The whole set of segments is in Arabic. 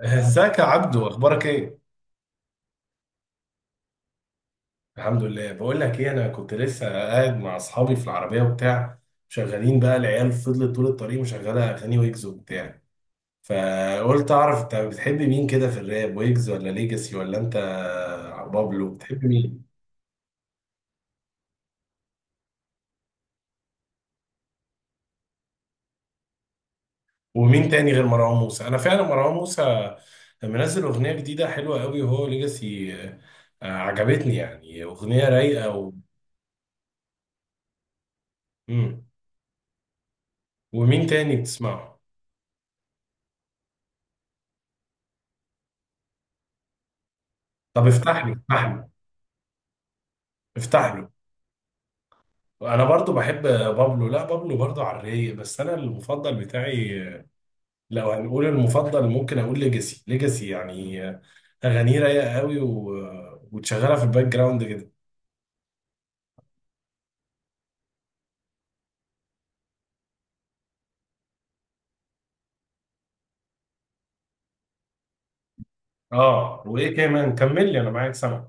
ازيك يا عبدو؟ اخبارك ايه؟ الحمد لله. بقول لك ايه، انا كنت لسه قاعد مع اصحابي في العربيه وبتاع. شغالين بقى العيال، فضلت طول الطريق مشغله اغاني ويجز وبتاع. فقلت اعرف انت بتحب مين كده في الراب، ويجز ولا ليجاسي ولا انت بابلو؟ بتحب مين؟ ومين تاني غير مروان موسى؟ انا فعلا مروان موسى منزل اغنيه جديده حلوه قوي. وهو ليجاسي عجبتني يعني، اغنيه رايقه مم. ومين تاني بتسمعه؟ طب افتح لي. افتح له. انا برضو بحب بابلو، لا بابلو برضو على الرايق، بس انا المفضل بتاعي لو هنقول المفضل ممكن اقول ليجاسي. ليجاسي يعني اغانيه رايقه قوي وتشغلها في الباك جراوند كده. اه وايه كمان؟ كمل لي انا معاك سامع.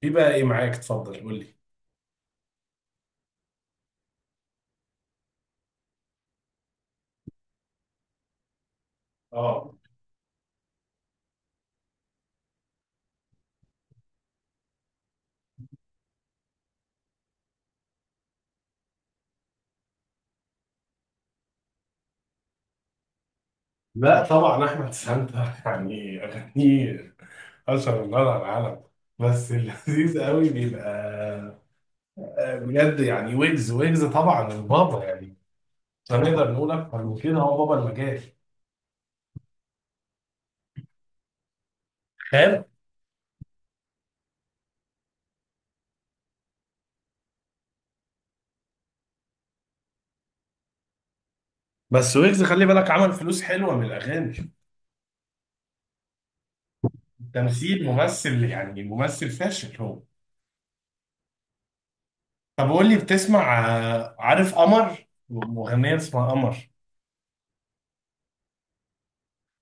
في بقى ايه معاك؟ اتفضل قول لي. اه لا طبعا احمد سانتا يعني اغانيه اشهر النار على العالم، بس اللذيذ قوي بيبقى بجد يعني. ويجز، ويجز طبعا البابا يعني، مش هنقدر نقول اكتر من كده، هو بابا المجال. فاهم. بس ويجز خلي بالك عمل فلوس حلوه من الاغاني. تمثيل، ممثل يعني ممثل فاشل هو. طب قول لي، بتسمع عارف قمر؟ مغنيه اسمها قمر؟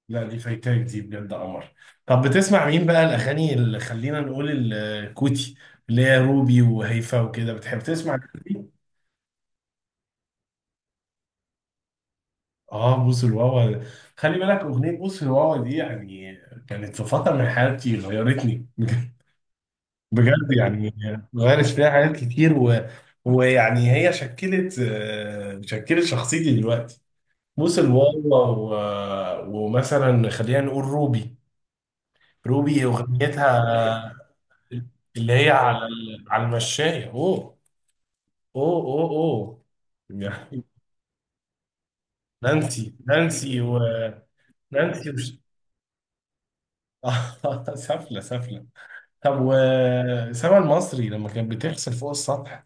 لا دي فايتاك، دي بجد قمر. طب بتسمع مين بقى الاغاني اللي خلينا نقول الكوتي، اللي هي روبي وهيفا وكده؟ بتحب تسمع الحاجات دي؟ اه بوس الواوا. خلي بالك اغنيه بوس الواوا دي يعني كانت في فتره من حياتي غيرتني بجد يعني. غيرت فيها حاجات كتير ويعني هي شكلت شكلت شخصيتي دلوقتي. بوس الواوا. ومثلا خلينا نقول روبي. روبي اغنيتها اللي هي على على المشاية. اوه اوه اوه اوه يعني. نانسي، نانسي. سفلة سفلة. طب وسما المصري لما كانت بتغسل فوق السطح،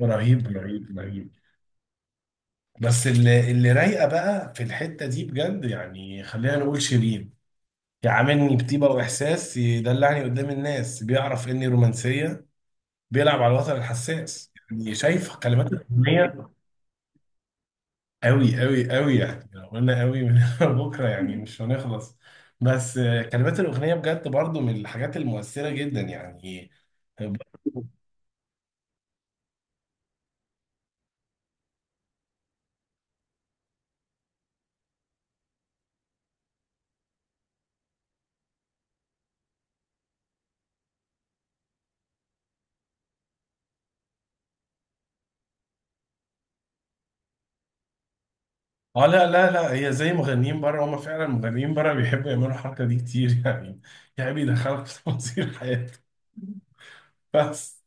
رهيب رهيب رهيب. بس اللي رايقه بقى في الحته دي بجد يعني خلينا نقول شيرين. يعاملني بطيبه واحساس، يدلعني قدام الناس، بيعرف اني رومانسيه، بيلعب على الوتر الحساس، يعني شايف كلمات الاغنيه. قوي قوي قوي يعني لو قلنا قوي من بكره يعني مش هنخلص. بس كلمات الاغنيه بجد برضو من الحاجات المؤثره جدا يعني. اه لا لا لا، هي زي مغنيين بره، هم فعلا مغنيين بره بيحبوا يعملوا الحركه دي كتير يعني، يعني بيدخلك في تفاصيل حياتك بس.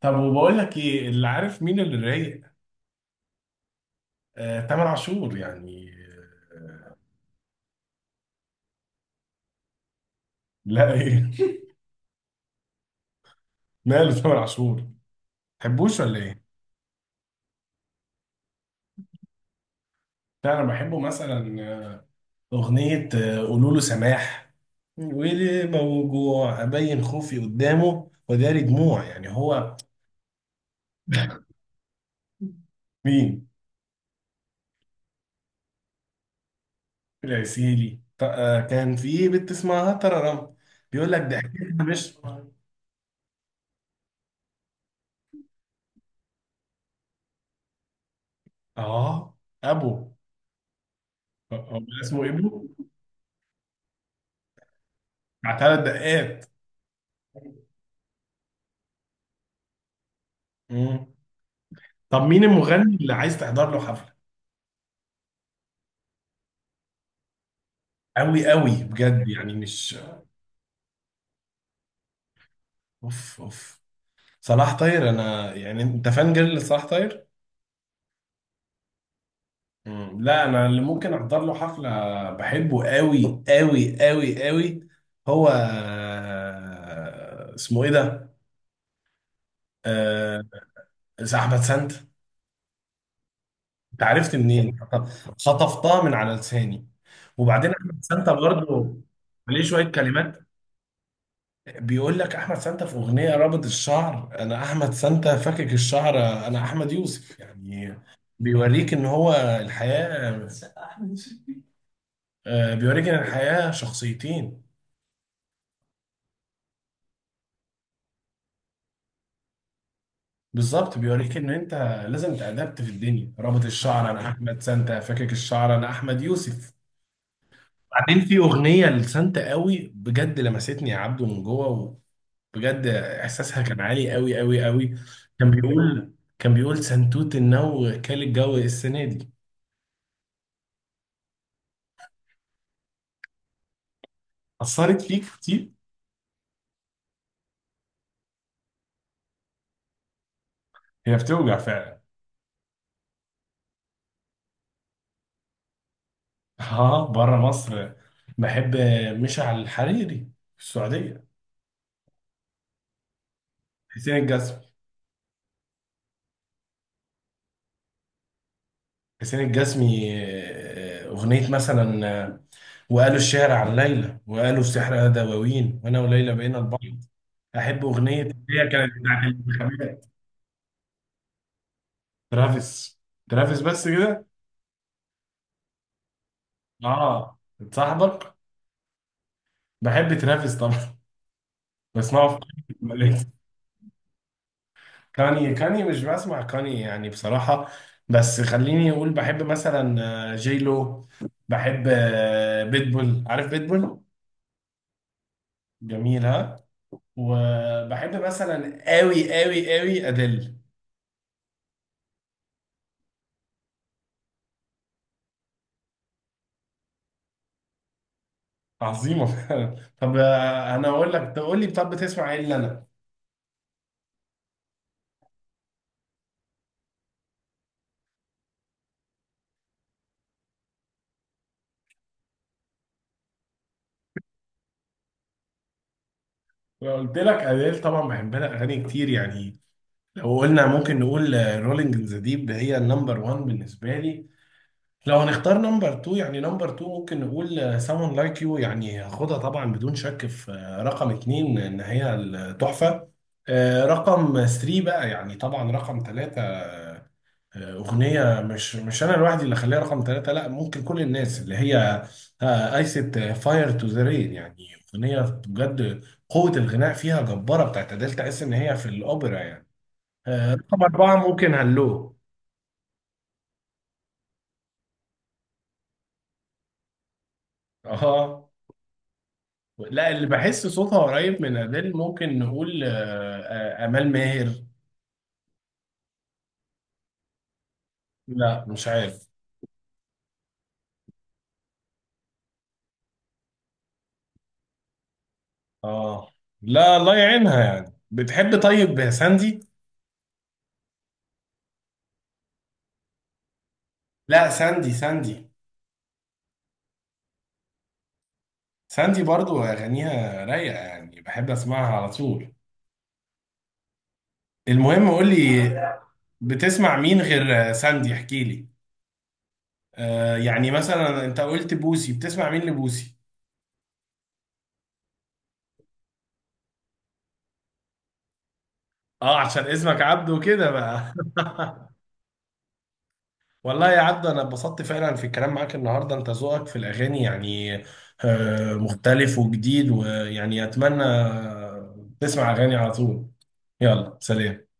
طب وبقول لك ايه اللي، عارف مين اللي رايق؟ تامر عاشور يعني. آه، لا ايه. ماله تامر عاشور، تحبوش ولا ايه؟ لا انا بحبه، مثلا اغنية قولوا له سماح، وليه موجوع ابين خوفي قدامه وداري دموع، يعني هو. مين؟ العسيلي. كان في بنت اسمها تررم، بيقول لك ده أكيد مش. اه ابو. هو اسمه ابو، بتاع ثلاث دقات. مم. طب مين المغني اللي عايز تحضر له حفلة؟ أوي أوي بجد يعني مش. أوف أوف. صلاح طاير؟ أنا يعني، أنت فان جيرل لصلاح طاير؟ مم. لا أنا اللي ممكن أحضر له حفلة، بحبه أوي أوي أوي أوي. هو اسمه إيه ده؟ آه، أحمد سانت. أنت عرفت منين؟ خطفتها من على لساني. وبعدين أحمد سانت برضه، عليه شوية كلمات. بيقول لك احمد سانتا في اغنيه رابط الشعر انا احمد سانتا، فاكك الشعر انا احمد يوسف، يعني بيوريك ان هو الحياه بيوريك ان الحياه شخصيتين. بالظبط بيوريك ان انت لازم تأدبت في الدنيا. رابط الشعر انا احمد سانتا، فاكك الشعر انا احمد يوسف. بعدين في اغنيه لسانتا قوي بجد لمستني يا عبده من جوه، وبجد احساسها كان عالي قوي قوي قوي. كان بيقول كان بيقول سنتوت النو كال الجو السنه دي، أثرت فيك كتير. هي بتوجع فعلا. اه بره مصر. بحب مشعل الحريري في السعودية. حسين الجسمي، حسين الجسمي أغنية مثلا وقالوا الشعر عن ليلى، وقالوا السحر دواوين، وأنا وليلى بقينا البحر. أحب أغنية اللي هي كانت بتاعت الانتخابات. ترافيس، ترافيس بس كده. اه صاحبك. بحب ترافيس طبعا، بسمعه. في كاني، كاني مش بسمع كاني يعني بصراحة. بس خليني أقول بحب مثلا جي لو. بحب بيتبول، عارف بيتبول؟ جميل ها. وبحب مثلا قوي قوي قوي أديل. عظيمة فعلا. طب أنا أقول لك تقول لي، طب بتسمع إيه اللي أنا؟ لو قلت لك أديل طبعا بحب لها أغاني كتير يعني. لو قلنا ممكن نقول رولينج ذا ديب، هي النمبر 1 بالنسبة لي. لو هنختار نمبر 2، يعني نمبر 2 ممكن نقول someone like you، يعني هاخدها طبعا بدون شك في رقم 2 ان هي التحفة. رقم 3 بقى يعني. طبعا رقم 3 اغنية مش انا لوحدي اللي اخليها رقم 3، لا ممكن كل الناس اللي هي ايست فاير تو ذا رين يعني. اغنية بجد قوة الغناء فيها جبارة بتاعت أديل، تحس ان هي في الاوبرا يعني. رقم 4 ممكن هلو. اه لا، اللي بحس صوتها قريب من أديل ممكن نقول آمال ماهر. لا مش عارف. اه لا، الله يعينها يعني. بتحب طيب ساندي؟ لا ساندي، ساندي. ساندي برضو أغانيها رايقة يعني، بحب أسمعها على طول. المهم قول لي، بتسمع مين غير ساندي؟ احكي لي. آه يعني مثلا انت قلت بوسي، بتسمع مين لبوسي؟ اه عشان اسمك عبده كده بقى. والله يا عبد انا اتبسطت فعلا في الكلام معاك النهارده، انت ذوقك في الاغاني يعني مختلف وجديد، ويعني اتمنى تسمع اغاني على طول. يلا، سلام.